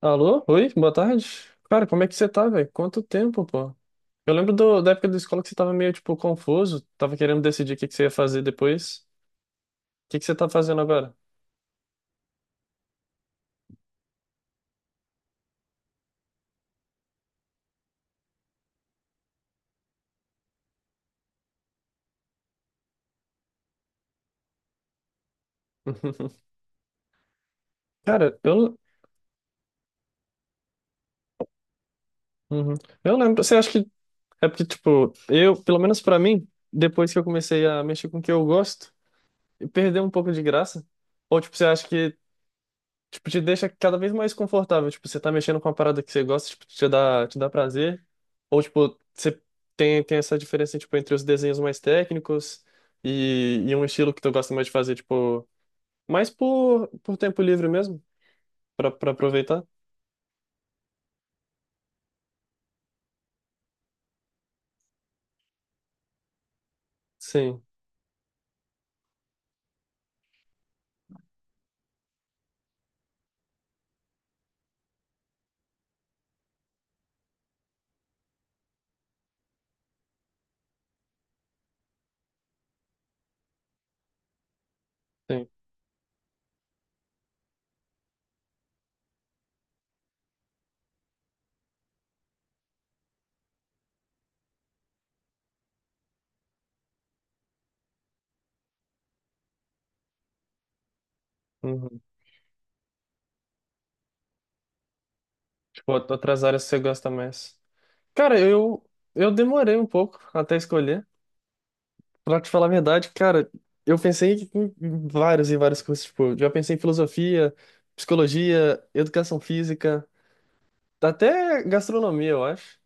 Alô? Oi, boa tarde. Cara, como é que você tá, velho? Quanto tempo, pô? Eu lembro da época da escola que você tava meio, tipo, confuso, tava querendo decidir o que que você ia fazer depois. O que que você tá fazendo agora? Cara, eu. Uhum. Eu lembro. Você acha que é porque, tipo, eu, pelo menos pra mim, depois que eu comecei a mexer com o que eu gosto, e perdeu um pouco de graça. Ou, tipo, você acha que, tipo, te deixa cada vez mais confortável. Tipo, você tá mexendo com uma parada que você gosta, tipo, te dá prazer. Ou, tipo, você tem essa diferença, tipo, entre os desenhos mais técnicos e um estilo que tu gosta mais de fazer, tipo, mais por tempo livre mesmo, pra aproveitar. Sim, sim. Uhum. Tipo, outras áreas que você gosta mais. Cara, eu demorei um pouco até escolher. Pra te falar a verdade, cara, eu pensei em vários e vários cursos. Tipo, já pensei em filosofia, psicologia, educação física, até gastronomia, eu acho.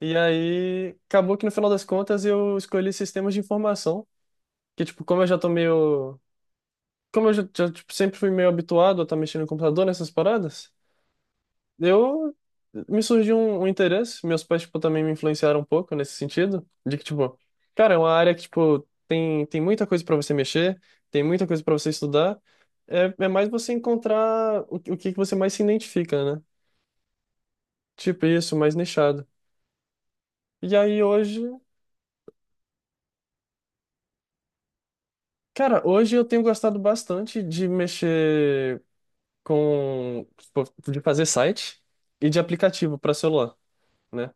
E aí, acabou que no final das contas eu escolhi sistemas de informação. Que, tipo, como eu já tô meio. Como eu tipo, sempre fui meio habituado a estar mexendo no computador nessas paradas. Eu me surgiu um interesse, meus pais tipo também me influenciaram um pouco nesse sentido, de que tipo, cara, é uma área que tipo tem muita coisa para você mexer, tem muita coisa para você estudar. É, é mais você encontrar o que que você mais se identifica, né? Tipo isso, mais nichado. E aí hoje, cara, hoje eu tenho gostado bastante de mexer com tipo, de fazer site e de aplicativo para celular, né?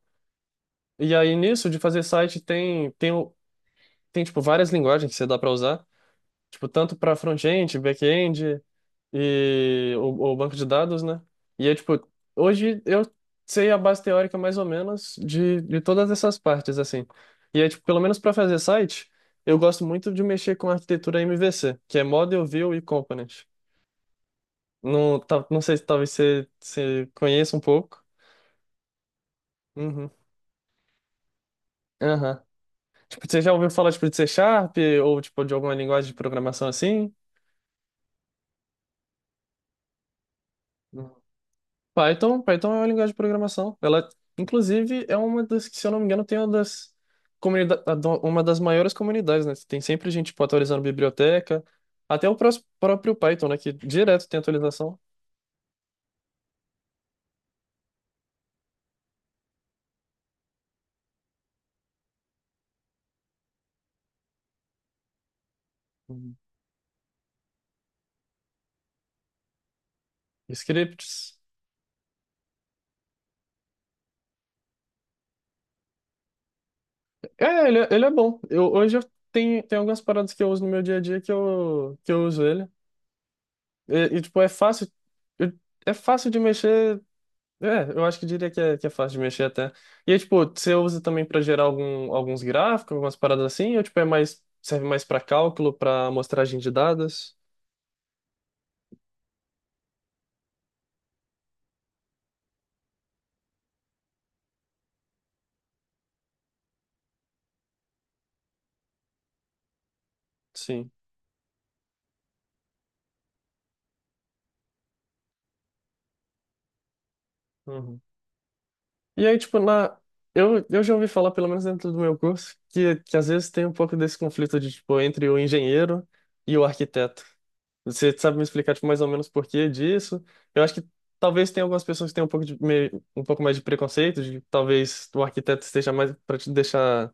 E aí nisso de fazer site tem tipo várias linguagens que você dá para usar, tipo tanto para front-end, back-end o banco de dados, né? E é tipo, hoje eu sei a base teórica mais ou menos de todas essas partes assim. E é tipo, pelo menos para fazer site, eu gosto muito de mexer com a arquitetura MVC, que é Model, View e Component. Não, tá, não sei se talvez você conheça um pouco. Uhum. Aham. Tipo, você já ouviu falar tipo de C Sharp ou tipo de alguma linguagem de programação assim? Python é uma linguagem de programação. Ela, inclusive, é uma das que, se eu não me engano, tem uma das comunidades, uma das maiores comunidades, né? Tem sempre gente, tipo, atualizando biblioteca, até o próprio Python, né? Que direto tem atualização. Uhum. Scripts. É, ele, ele é bom. Eu, hoje eu tenho, tem algumas paradas que eu uso no meu dia a dia que eu uso ele. Tipo, é fácil. eu- É fácil de mexer. É, eu acho que diria que é fácil de mexer até. E aí, tipo, você usa também para gerar algum, alguns gráficos, algumas paradas assim, ou tipo, é mais, serve mais para cálculo, para amostragem de dados? Sim. Uhum. E aí, tipo, na... eu já ouvi falar, pelo menos dentro do meu curso, que às vezes tem um pouco desse conflito de, tipo, entre o engenheiro e o arquiteto. Você sabe me explicar, tipo, mais ou menos por que disso? Eu acho que talvez tenha algumas pessoas que tenham um pouco de, meio, um pouco mais de preconceito, de que talvez o arquiteto esteja mais para te deixar,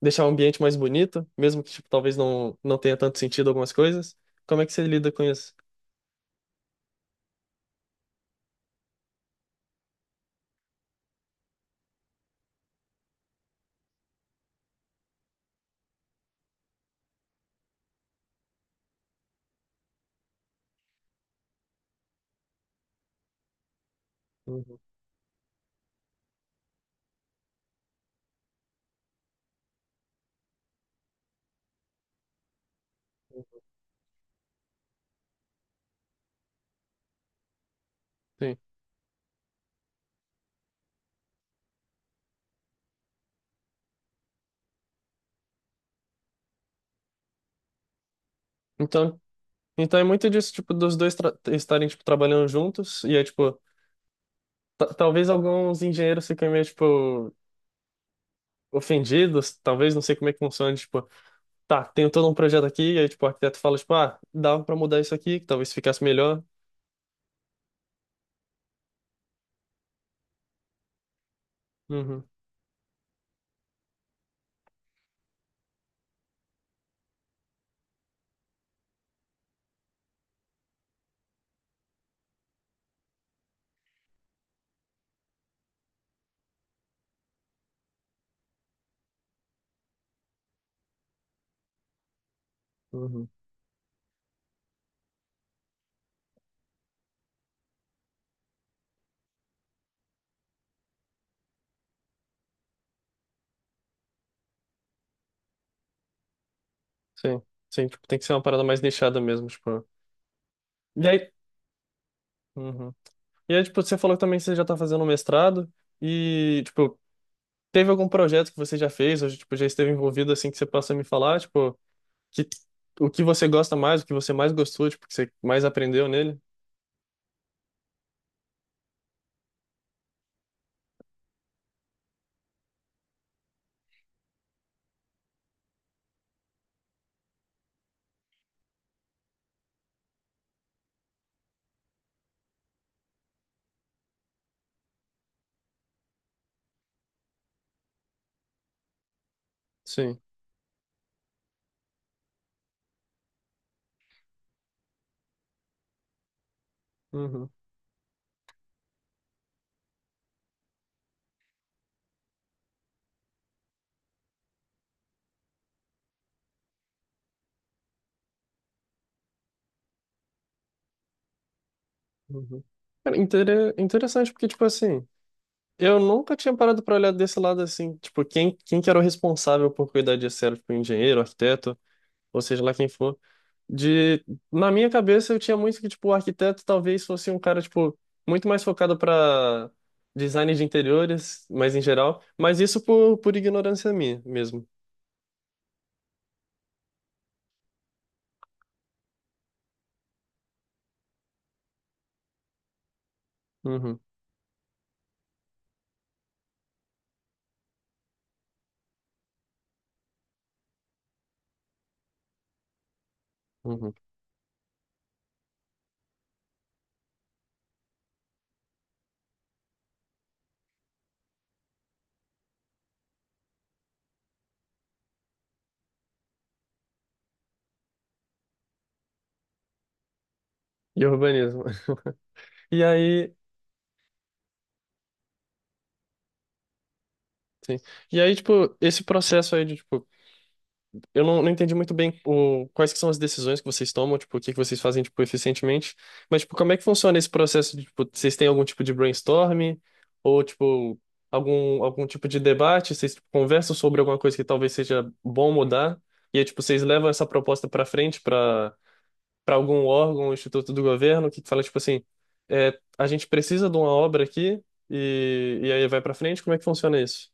deixar o ambiente mais bonito, mesmo que, tipo, talvez não, não tenha tanto sentido algumas coisas. Como é que você lida com isso? Uhum. Sim. Então, então é muito disso, tipo, dos dois estarem, tipo, trabalhando juntos, e é, tipo, talvez alguns engenheiros fiquem meio, tipo, ofendidos, talvez, não sei como é que funciona, tipo, tá, tenho todo um projeto aqui, e aí, tipo, o arquiteto fala, tipo, ah, dava pra mudar isso aqui, que talvez ficasse melhor. Uhum, uhum. Sim, sim, tipo, tem que ser uma parada mais nichada mesmo, tipo. E aí, uhum. E aí, tipo, você falou que também você já tá fazendo um mestrado, e, tipo, teve algum projeto que você já fez, ou, tipo, já esteve envolvido, assim, que você possa me falar, tipo, que, o que você gosta mais, o que você mais gostou, tipo, que você mais aprendeu nele? Sim. Uhum. Uhum. Cara, interessante, porque, tipo assim, eu nunca tinha parado pra olhar desse lado assim, tipo, quem que era o responsável por cuidar disso, era, tipo, engenheiro, arquiteto, ou seja lá quem for. De, na minha cabeça, eu tinha muito que, tipo, o arquiteto talvez fosse um cara, tipo, muito mais focado pra design de interiores, mas em geral, mas isso por ignorância minha mesmo. Uhum, uhum. E urbanismo. E aí, sim. E aí, tipo, esse processo aí de, tipo, eu não, não entendi muito bem o, quais que são as decisões que vocês tomam, tipo, o que que vocês fazem, tipo, eficientemente. Mas, tipo, como é que funciona esse processo de, tipo, vocês têm algum tipo de brainstorm? Ou, tipo, algum, algum tipo de debate? Vocês, tipo, conversam sobre alguma coisa que talvez seja bom mudar? E aí, tipo, vocês levam essa proposta para frente para algum órgão, instituto do governo, que fala, tipo assim, é, a gente precisa de uma obra aqui e aí vai para frente? Como é que funciona isso?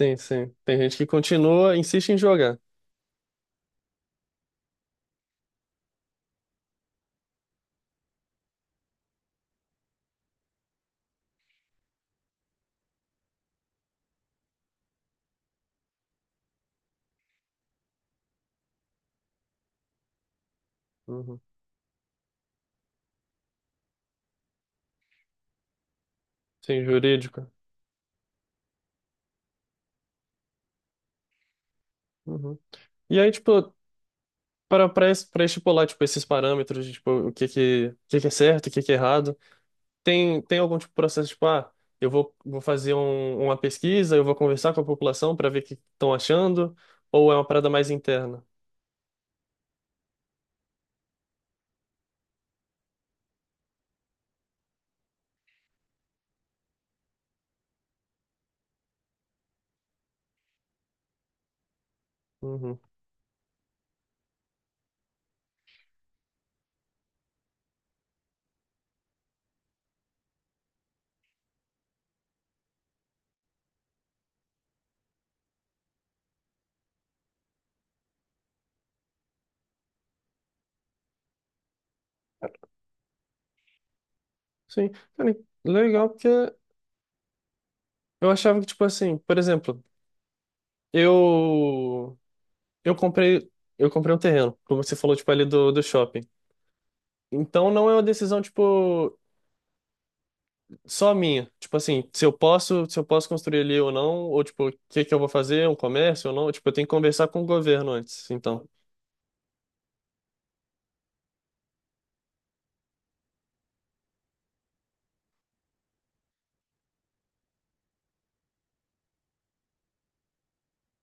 Sim, sim. Tem gente que continua, insiste em jogar. Uhum. Sim, jurídica. Uhum. E aí, tipo, para estipular, tipo, esses parâmetros, de, tipo, o que que é certo, o que que é errado, tem, tem algum tipo de processo, tipo, ah, vou fazer um, uma pesquisa, eu vou conversar com a população para ver o que estão achando, ou é uma parada mais interna? Uhum. Sim, cara, legal, porque eu achava que, tipo assim, por exemplo, eu, eu comprei, eu comprei um terreno, como você falou, tipo, ali do shopping. Então não é uma decisão, tipo. Só a minha. Tipo assim, se eu posso construir ali ou não, ou tipo, o que que eu vou fazer, um comércio ou não, tipo, eu tenho que conversar com o governo antes, então.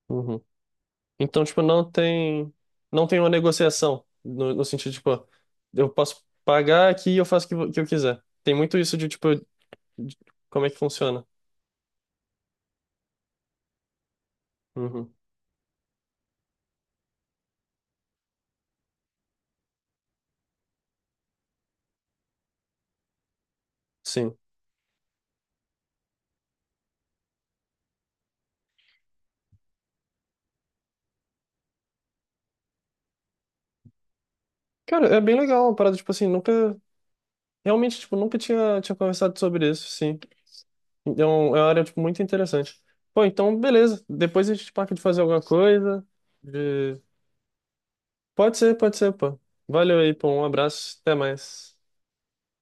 Uhum. Então, tipo, não tem uma negociação no, no sentido, tipo, eu posso pagar aqui e eu faço o que, que eu quiser. Tem muito isso de, tipo, de como é que funciona. Uhum. Sim. Cara, é bem legal uma parada, tipo assim, nunca, realmente, tipo, nunca tinha conversado sobre isso, sim. Então, é uma área, tipo, muito interessante. Pô, então, beleza. Depois a gente marca de fazer alguma coisa. de- pode ser, pô. Valeu aí, pô. Um abraço. Até mais.